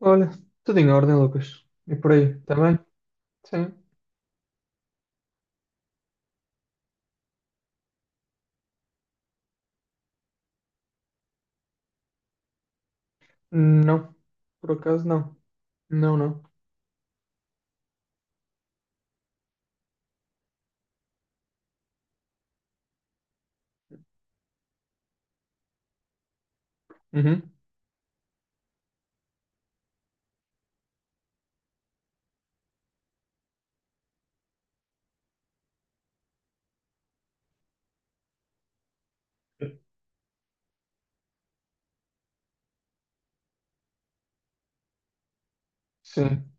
Olha, tudo em ordem, Lucas. E por aí, também? Sim. Não. Por acaso, não. Não, não. Uhum. Sim.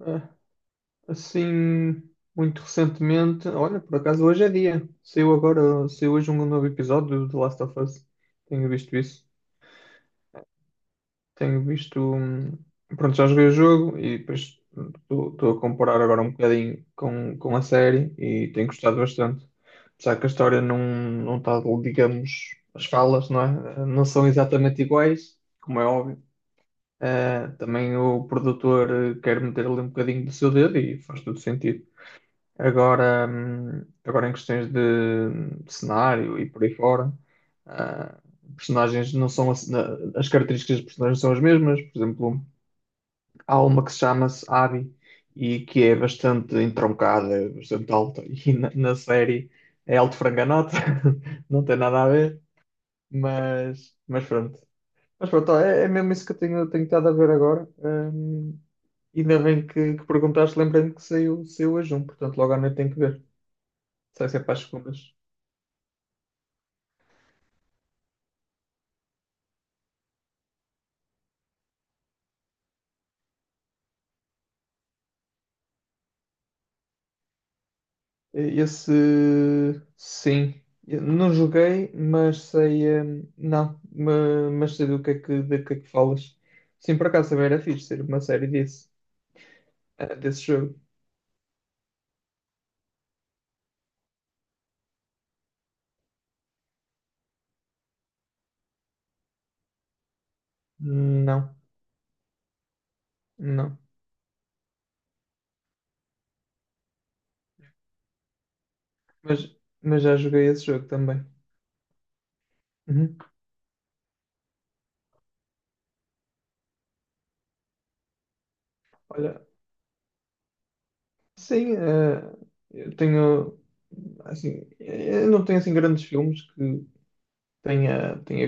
Ah, assim, muito recentemente. Olha, por acaso, hoje é dia. Saiu agora, saiu hoje um novo episódio do The Last of Us. Tenho visto isso. Tenho visto. Pronto, já joguei o jogo e depois estou a comparar agora um bocadinho com a série e tenho gostado bastante. Apesar que a história não está, digamos, as falas, não é? Não são exatamente iguais, como é óbvio. Também o produtor quer meter ali um bocadinho do seu dedo e faz todo sentido. Agora em questões de cenário e por aí fora, ah, personagens não são as. As características dos personagens são as mesmas. Por exemplo, há uma que se chama-se Abby e que é bastante entroncada, é bastante alta, e na série é alto franganota, não tem nada a ver, mas pronto. Mas pronto, é mesmo isso que eu tenho estado a ver agora. Ainda bem que perguntaste, lembrei-me que saiu hoje um, portanto logo à noite tenho que ver. Será que é para as segundas? Esse, sim. Eu não joguei, mas sei. Não, mas sei do que é que falas. Sim, por acaso também era fixe ser uma série desse jogo. Não, não. Mas já joguei esse jogo também. Uhum. Olha, sim, eu tenho. Assim, eu não tenho assim grandes filmes que tenha, tenha,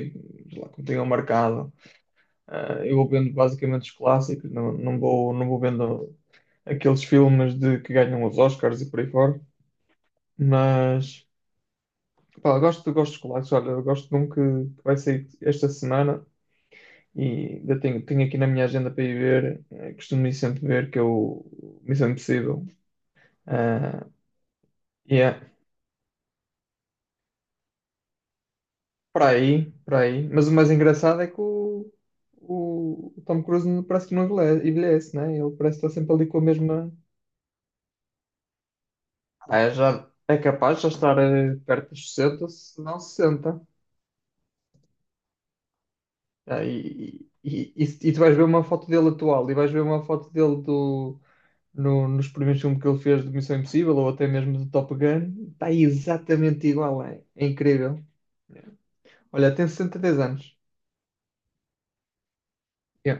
sei lá, que me tenham marcado. Ah, eu vou vendo basicamente os clássicos, não vou vendo aqueles filmes de, que ganham os Oscars e por aí fora, mas pá, eu gosto dos clássicos. Olha, eu gosto de um que vai sair esta semana e ainda tenho aqui na minha agenda para ir ver, costumo ir sempre ver, que é o Missão Impossível. Ah, e é para aí, para aí. Mas o mais engraçado é que o Tom Cruise parece que não envelhece, envelhece, né? Ele parece que está sempre ali com a mesma. É, já, é capaz de já estar perto dos 60, se não 60. Ah, e tu vais ver uma foto dele atual e vais ver uma foto dele do, no, nos primeiros filmes que ele fez de Missão Impossível ou até mesmo do Top Gun. Está exatamente igual, é incrível. Olha, tem 63 anos. Yeah.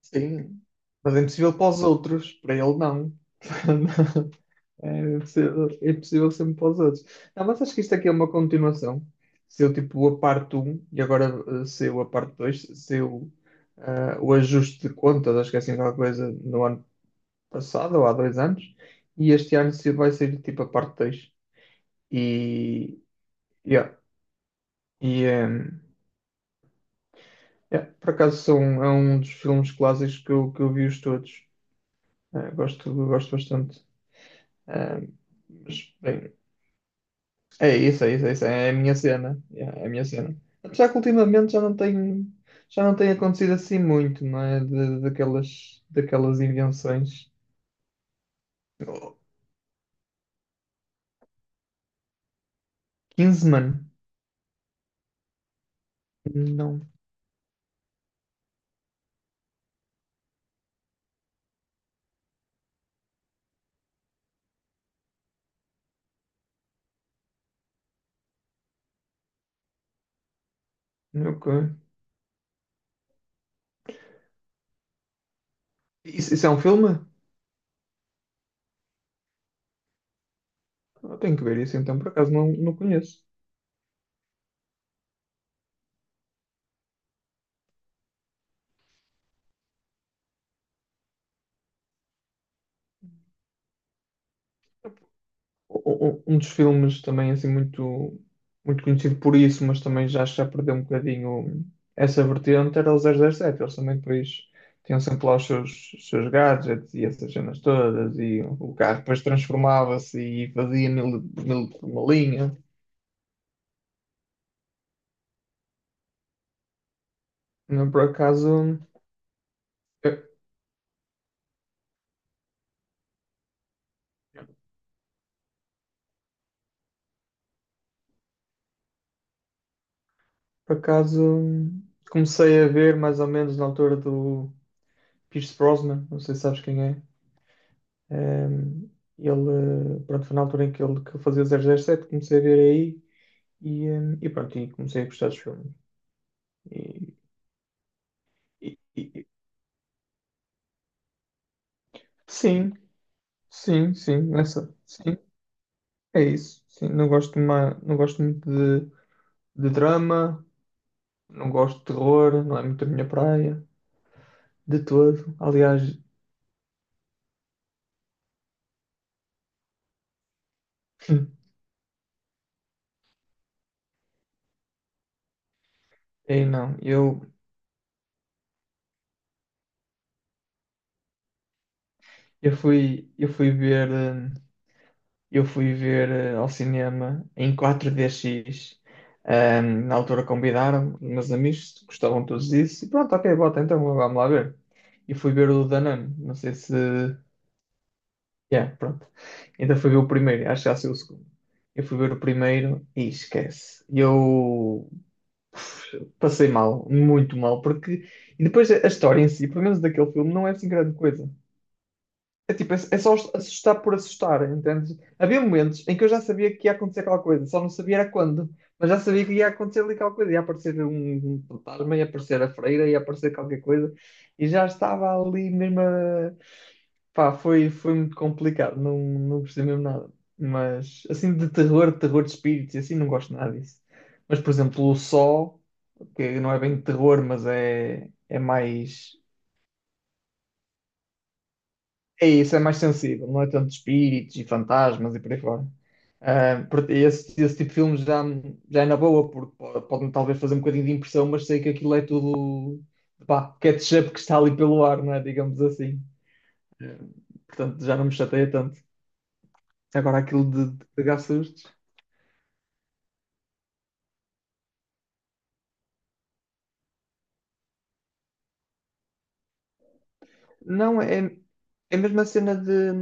Sim, mas é impossível para os outros, para ele não. É possível sempre para os outros. Não, mas acho que isto aqui é uma continuação. Saiu tipo a parte um e agora saiu a parte 2, o ajuste de contas, acho que é assim qualquer coisa, no ano passado ou há dois anos, e este ano vai sair tipo a parte dois. E, yeah. E, yeah, por acaso são, é um dos filmes clássicos que eu vi os todos. Ah, gosto, gosto bastante. Ah, mas, bem, é isso, é isso, é isso. É a minha cena. Yeah, é a minha cena. Apesar que ultimamente já não tem acontecido assim muito, não é? Daquelas invenções. Oh, Kingsman? Não. Nunca. Isso é um filme? Eu tenho que ver isso então, por acaso não conheço. Um dos filmes também assim muito, muito conhecido por isso, mas também já perdeu um bocadinho essa vertente, era o 007. Eles também depois tinham sempre lá os seus, gadgets e essas cenas todas, e o carro depois transformava-se e fazia mil, mil por uma linha. Não, por acaso, eu- por acaso comecei a ver mais ou menos na altura do Pierce Brosnan, não sei se sabes quem é. Um, ele, pronto, foi na altura em que ele que eu fazia 007, comecei a ver aí e, e pronto, e comecei a gostar dos filmes. E, e- e- sim, sim, sim, nessa, sim, é isso. Sim, não gosto muito de, de drama, não gosto de terror, não é muito a minha praia, de todo. Aliás, aí não, eu fui ver. Eu fui ver ao cinema em 4DX. Na altura convidaram os meus amigos, gostavam todos disso. E pronto, ok, bota, então vamos lá ver. E fui ver o Danone. Não sei se. Yeah, pronto. Então fui ver o primeiro, acho que já saiu o segundo. Eu fui ver o primeiro e esquece. Eu puf, passei mal, muito mal, porque. E depois a história em si, pelo menos daquele filme, não é assim grande coisa. É tipo, é só assustar por assustar, entende? Havia momentos em que eu já sabia que ia acontecer aquela coisa, só não sabia era quando, mas já sabia que ia acontecer ali aquela coisa, ia aparecer um fantasma, ia aparecer a freira, ia aparecer qualquer coisa, e já estava ali mesmo a... Pá, foi muito complicado, não gostei mesmo nada. Mas, assim, de terror, terror de espíritos, e assim, não gosto nada disso. Mas, por exemplo, o Sol, que não é bem de terror, mas é mais. É isso, é mais sensível, não é tanto espíritos e fantasmas e por aí fora. Ah, esse tipo de filmes já é na boa, porque pode-me talvez fazer um bocadinho de impressão, mas sei que aquilo é tudo pá, ketchup que está ali pelo ar, não é? Digamos assim. Eh, Portanto, já não me chateia tanto. Agora aquilo de pegar sustos. Não, é mesmo a cena de,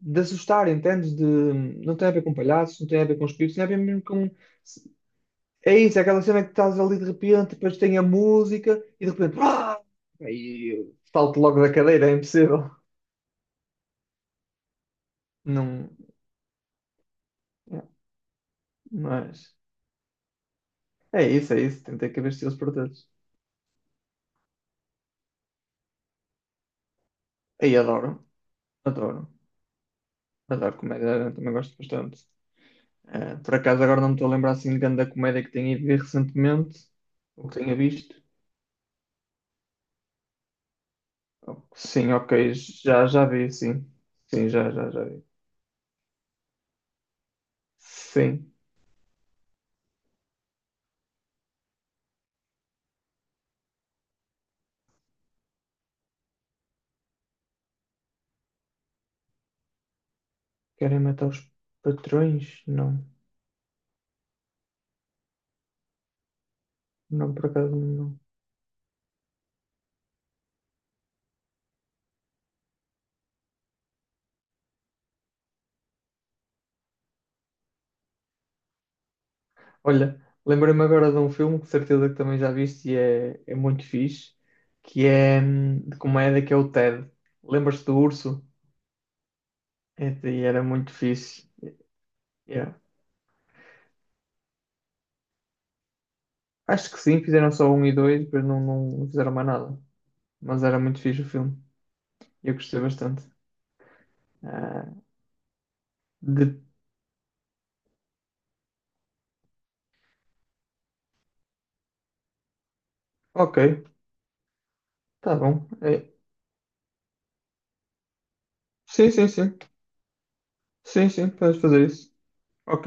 de assustar, entendes? De, não tem a ver com palhaços, não tem a ver com espíritos, tem a ver mesmo com. É isso, é aquela cena que estás ali de repente, depois tem a música e de repente. Ah! Aí eu salto logo da cadeira, é impossível. Não, é, mas. É isso, é isso. Tentei caber estilos para todos. Aí adoro, adoro. Adoro comédia, também gosto bastante. Por acaso agora não me estou a lembrar assim de grande da comédia que tenha ido ver recentemente, ou que tenha visto. Oh, sim, ok, já vi, sim. Sim, já vi. Sim. Querem matar os patrões? Não, não, por acaso não. Olha, lembrei-me agora de um filme que de certeza que também já viste e é muito fixe, que é de comédia, que é o Ted. Lembras-te do urso? É, e era muito fixe. Yeah. Acho que sim, fizeram só 1 e 2, depois não fizeram mais nada. Mas era muito fixe o filme. Eu gostei bastante. Ah, de... Ok, tá bom. É, sim, sim, sim. Sim, sim, podes fazer isso. Ok.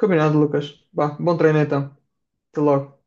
Combinado, Lucas. Vá, bom treino então. Até logo.